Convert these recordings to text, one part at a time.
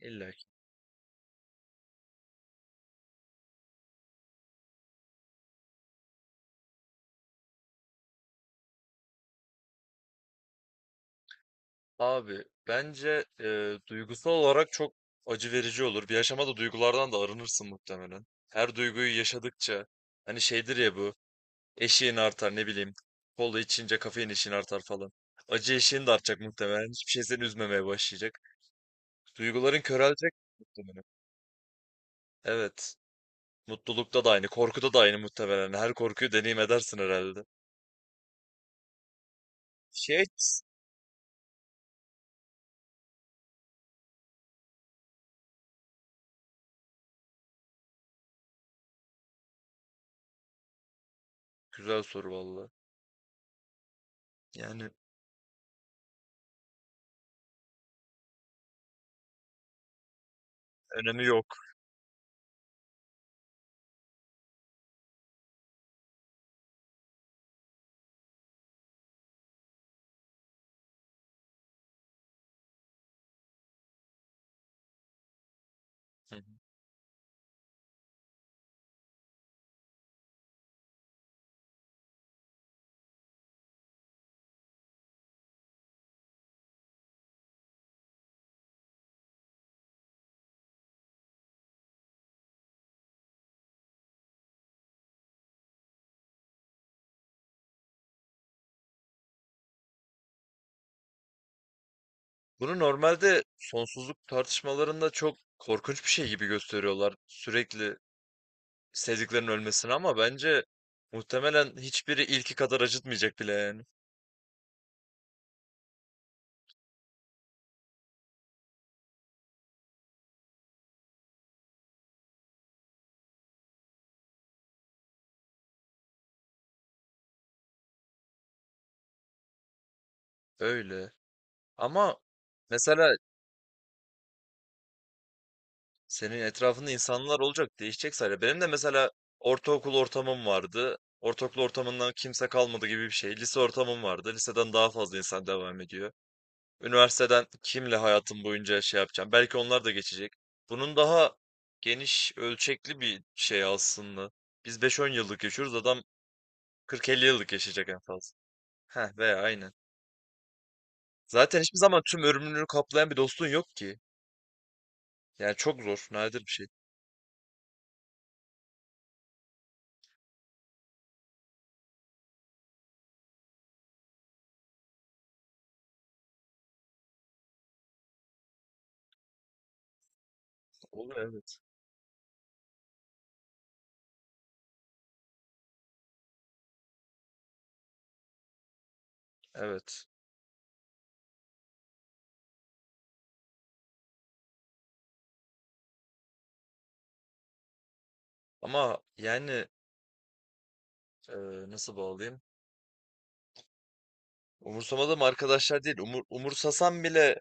İlla ki. Abi bence duygusal olarak çok acı verici olur. Bir aşamada duygulardan da arınırsın muhtemelen. Her duyguyu yaşadıkça hani şeydir ya bu eşiğin artar, ne bileyim, kola içince kafein eşiğin artar falan. Acı eşiğin de artacak muhtemelen. Hiçbir şey seni üzmemeye başlayacak. Duyguların körelecek muhtemelen. Evet. Mutlulukta da aynı, korkuda da aynı muhtemelen. Her korkuyu deneyim edersin herhalde. Şey, güzel soru valla. Yani önemi yok. Bunu normalde sonsuzluk tartışmalarında çok korkunç bir şey gibi gösteriyorlar. Sürekli sevdiklerinin ölmesini, ama bence muhtemelen hiçbiri ilki kadar acıtmayacak bile yani. Öyle. Ama mesela senin etrafında insanlar olacak, değişecek sadece. Benim de mesela ortaokul ortamım vardı. Ortaokul ortamından kimse kalmadı gibi bir şey. Lise ortamım vardı. Liseden daha fazla insan devam ediyor. Üniversiteden kimle hayatım boyunca şey yapacağım? Belki onlar da geçecek. Bunun daha geniş, ölçekli bir şey aslında. Biz 5-10 yıllık yaşıyoruz, adam 40-50 yıllık yaşayacak en fazla. Heh, veya aynen. Zaten hiçbir zaman tüm ömrünü kaplayan bir dostun yok ki. Yani çok zor, nadir bir şey. Olur, evet. Evet. Ama yani, e, nasıl bağlayayım? Umursamadım arkadaşlar değil. Umursasan bile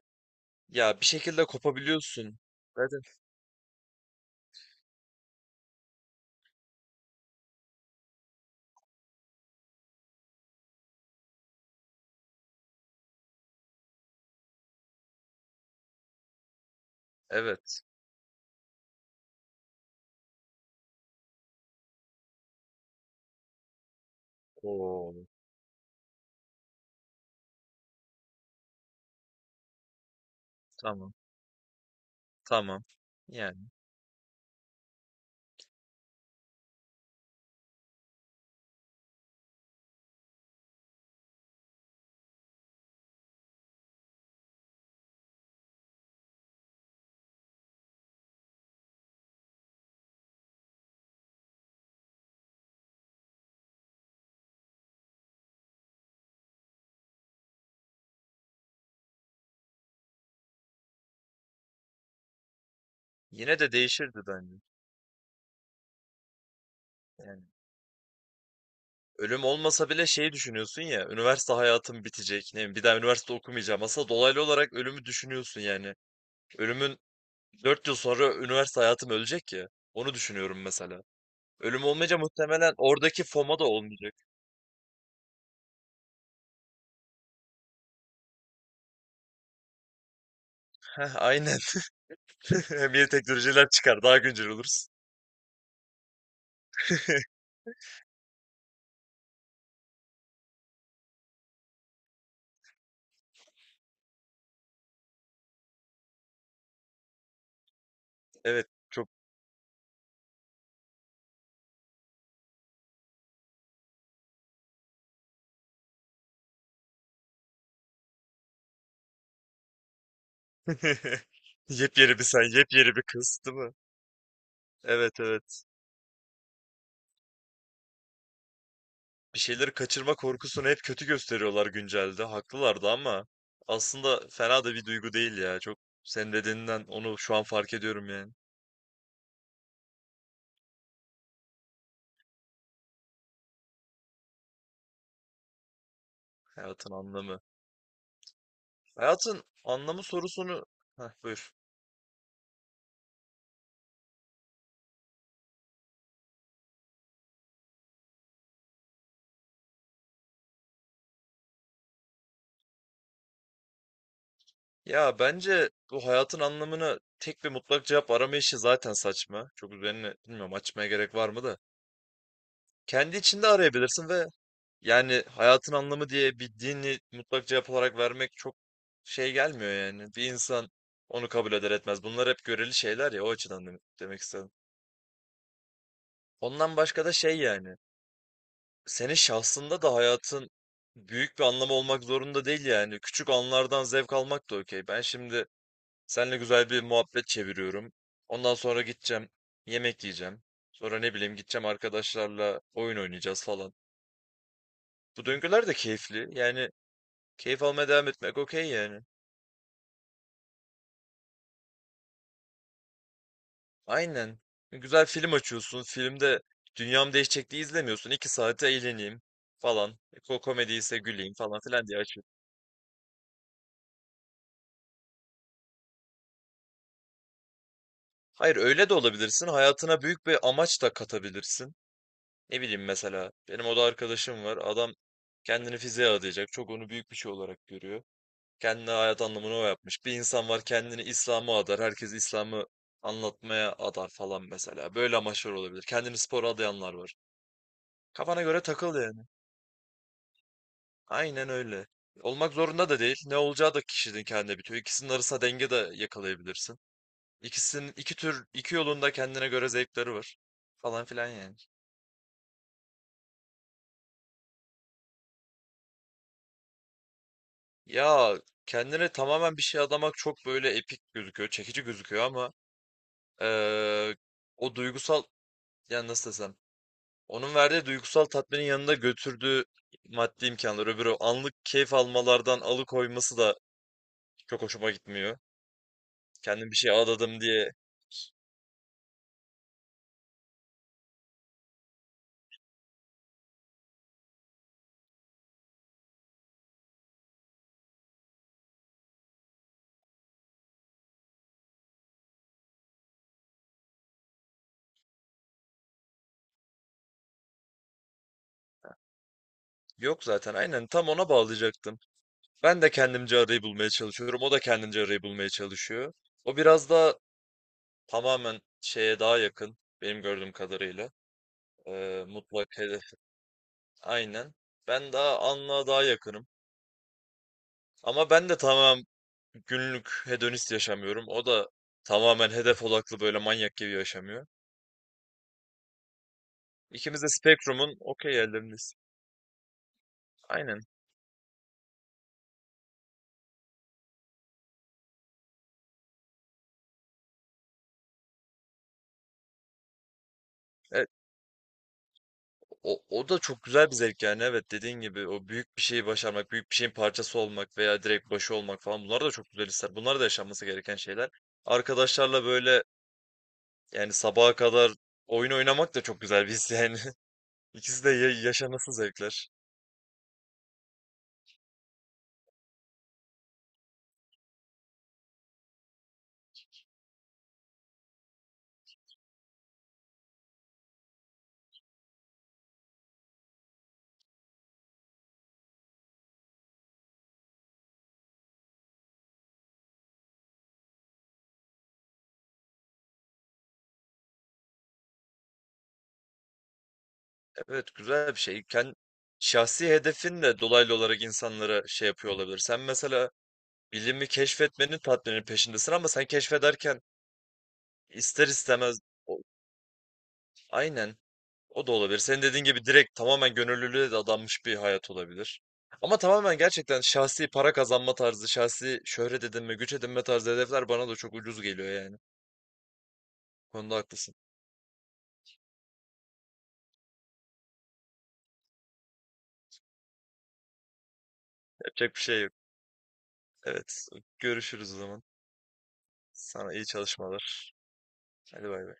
ya bir şekilde kopabiliyorsun. Zaten. Evet. Oo, tamam. Tamam. Yani. Yine de değişirdi bence. Yani ölüm olmasa bile şey düşünüyorsun ya, üniversite hayatım bitecek. Ne bileyim, bir daha üniversite okumayacağım. Aslında dolaylı olarak ölümü düşünüyorsun yani. Ölümün 4 yıl sonra üniversite hayatım ölecek ya. Onu düşünüyorum mesela. Ölüm olmayınca muhtemelen oradaki FOMA da olmayacak. Heh, aynen. Hem yeni teknolojiler çıkar, daha güncel oluruz. Evet, çok yepyeni bir sen, yepyeni bir kız, değil mi? Evet, evet. Bir şeyleri kaçırma korkusunu hep kötü gösteriyorlar güncelde. Haklılardı ama aslında fena da bir duygu değil ya. Çok, senin dediğinden onu şu an fark ediyorum yani. Hayatın anlamı. Hayatın anlamı sorusunu... Heh, buyur. Ya bence bu hayatın anlamına tek bir mutlak cevap arama işi zaten saçma. Çok üzerine bilmiyorum açmaya gerek var mı da. Kendi içinde arayabilirsin ve yani hayatın anlamı diye bir dini mutlak cevap olarak vermek çok şey gelmiyor yani. Bir insan onu kabul eder etmez. Bunlar hep göreli şeyler ya, o açıdan demek istedim. Ondan başka da şey yani. Senin şahsında da hayatın büyük bir anlamı olmak zorunda değil yani. Küçük anlardan zevk almak da okey. Ben şimdi seninle güzel bir muhabbet çeviriyorum. Ondan sonra gideceğim, yemek yiyeceğim. Sonra ne bileyim gideceğim, arkadaşlarla oyun oynayacağız falan. Bu döngüler de keyifli. Yani keyif almaya devam etmek okey yani. Aynen. Güzel film açıyorsun. Filmde dünyam değişecek diye izlemiyorsun. İki saate eğleneyim falan. E, Ko komedi ise güleyim falan filan diye açıyorsun. Hayır, öyle de olabilirsin. Hayatına büyük bir amaç da katabilirsin. Ne bileyim, mesela. Benim oda arkadaşım var. Adam kendini fiziğe adayacak. Çok onu büyük bir şey olarak görüyor. Kendine hayat anlamını o yapmış. Bir insan var kendini İslam'a adar. Herkes İslam'ı anlatmaya adar falan mesela. Böyle amaçlar olabilir. Kendini spora adayanlar var. Kafana göre takıl yani. Aynen öyle. Olmak zorunda da değil. Ne olacağı da kişinin kendine bitiyor. İkisinin arasında denge de yakalayabilirsin. İkisinin iki tür iki yolunda kendine göre zevkleri var. Falan filan yani. Ya kendine tamamen bir şey adamak çok böyle epik gözüküyor, çekici gözüküyor ama eee, o duygusal, yani nasıl desem, onun verdiği duygusal tatminin yanında götürdüğü maddi imkanlar öbürü anlık keyif almalardan alıkoyması da çok hoşuma gitmiyor. Kendim bir şey adadım diye yok, zaten aynen tam ona bağlayacaktım. Ben de kendimce arayı bulmaya çalışıyorum. O da kendince arayı bulmaya çalışıyor. O biraz daha tamamen şeye daha yakın, benim gördüğüm kadarıyla. Mutlak hedef. Aynen. Ben daha anlığa daha yakınım. Ama ben de tamamen günlük hedonist yaşamıyorum. O da tamamen hedef odaklı böyle manyak gibi yaşamıyor. İkimiz de spektrumun okey yerlerindeyiz. Aynen. E, o da çok güzel bir zevk yani, evet, dediğin gibi o büyük bir şeyi başarmak, büyük bir şeyin parçası olmak veya direkt başı olmak falan, bunlar da çok güzel hisler. Bunlar da yaşanması gereken şeyler. Arkadaşlarla böyle yani sabaha kadar oyun oynamak da çok güzel bir his yani. İkisi de yaşanası zevkler. Evet, güzel bir şey. Kendi şahsi hedefin de dolaylı olarak insanlara şey yapıyor olabilir. Sen mesela bilimi keşfetmenin tatminin peşindesin ama sen keşfederken ister istemez o- aynen. O da olabilir. Senin dediğin gibi direkt tamamen gönüllülüğe de adanmış bir hayat olabilir. Ama tamamen gerçekten şahsi para kazanma tarzı, şahsi şöhret edinme, güç edinme tarzı hedefler bana da çok ucuz geliyor yani. Bu konuda haklısın. Yapacak bir şey yok. Evet. Görüşürüz o zaman. Sana iyi çalışmalar. Hadi bay bay.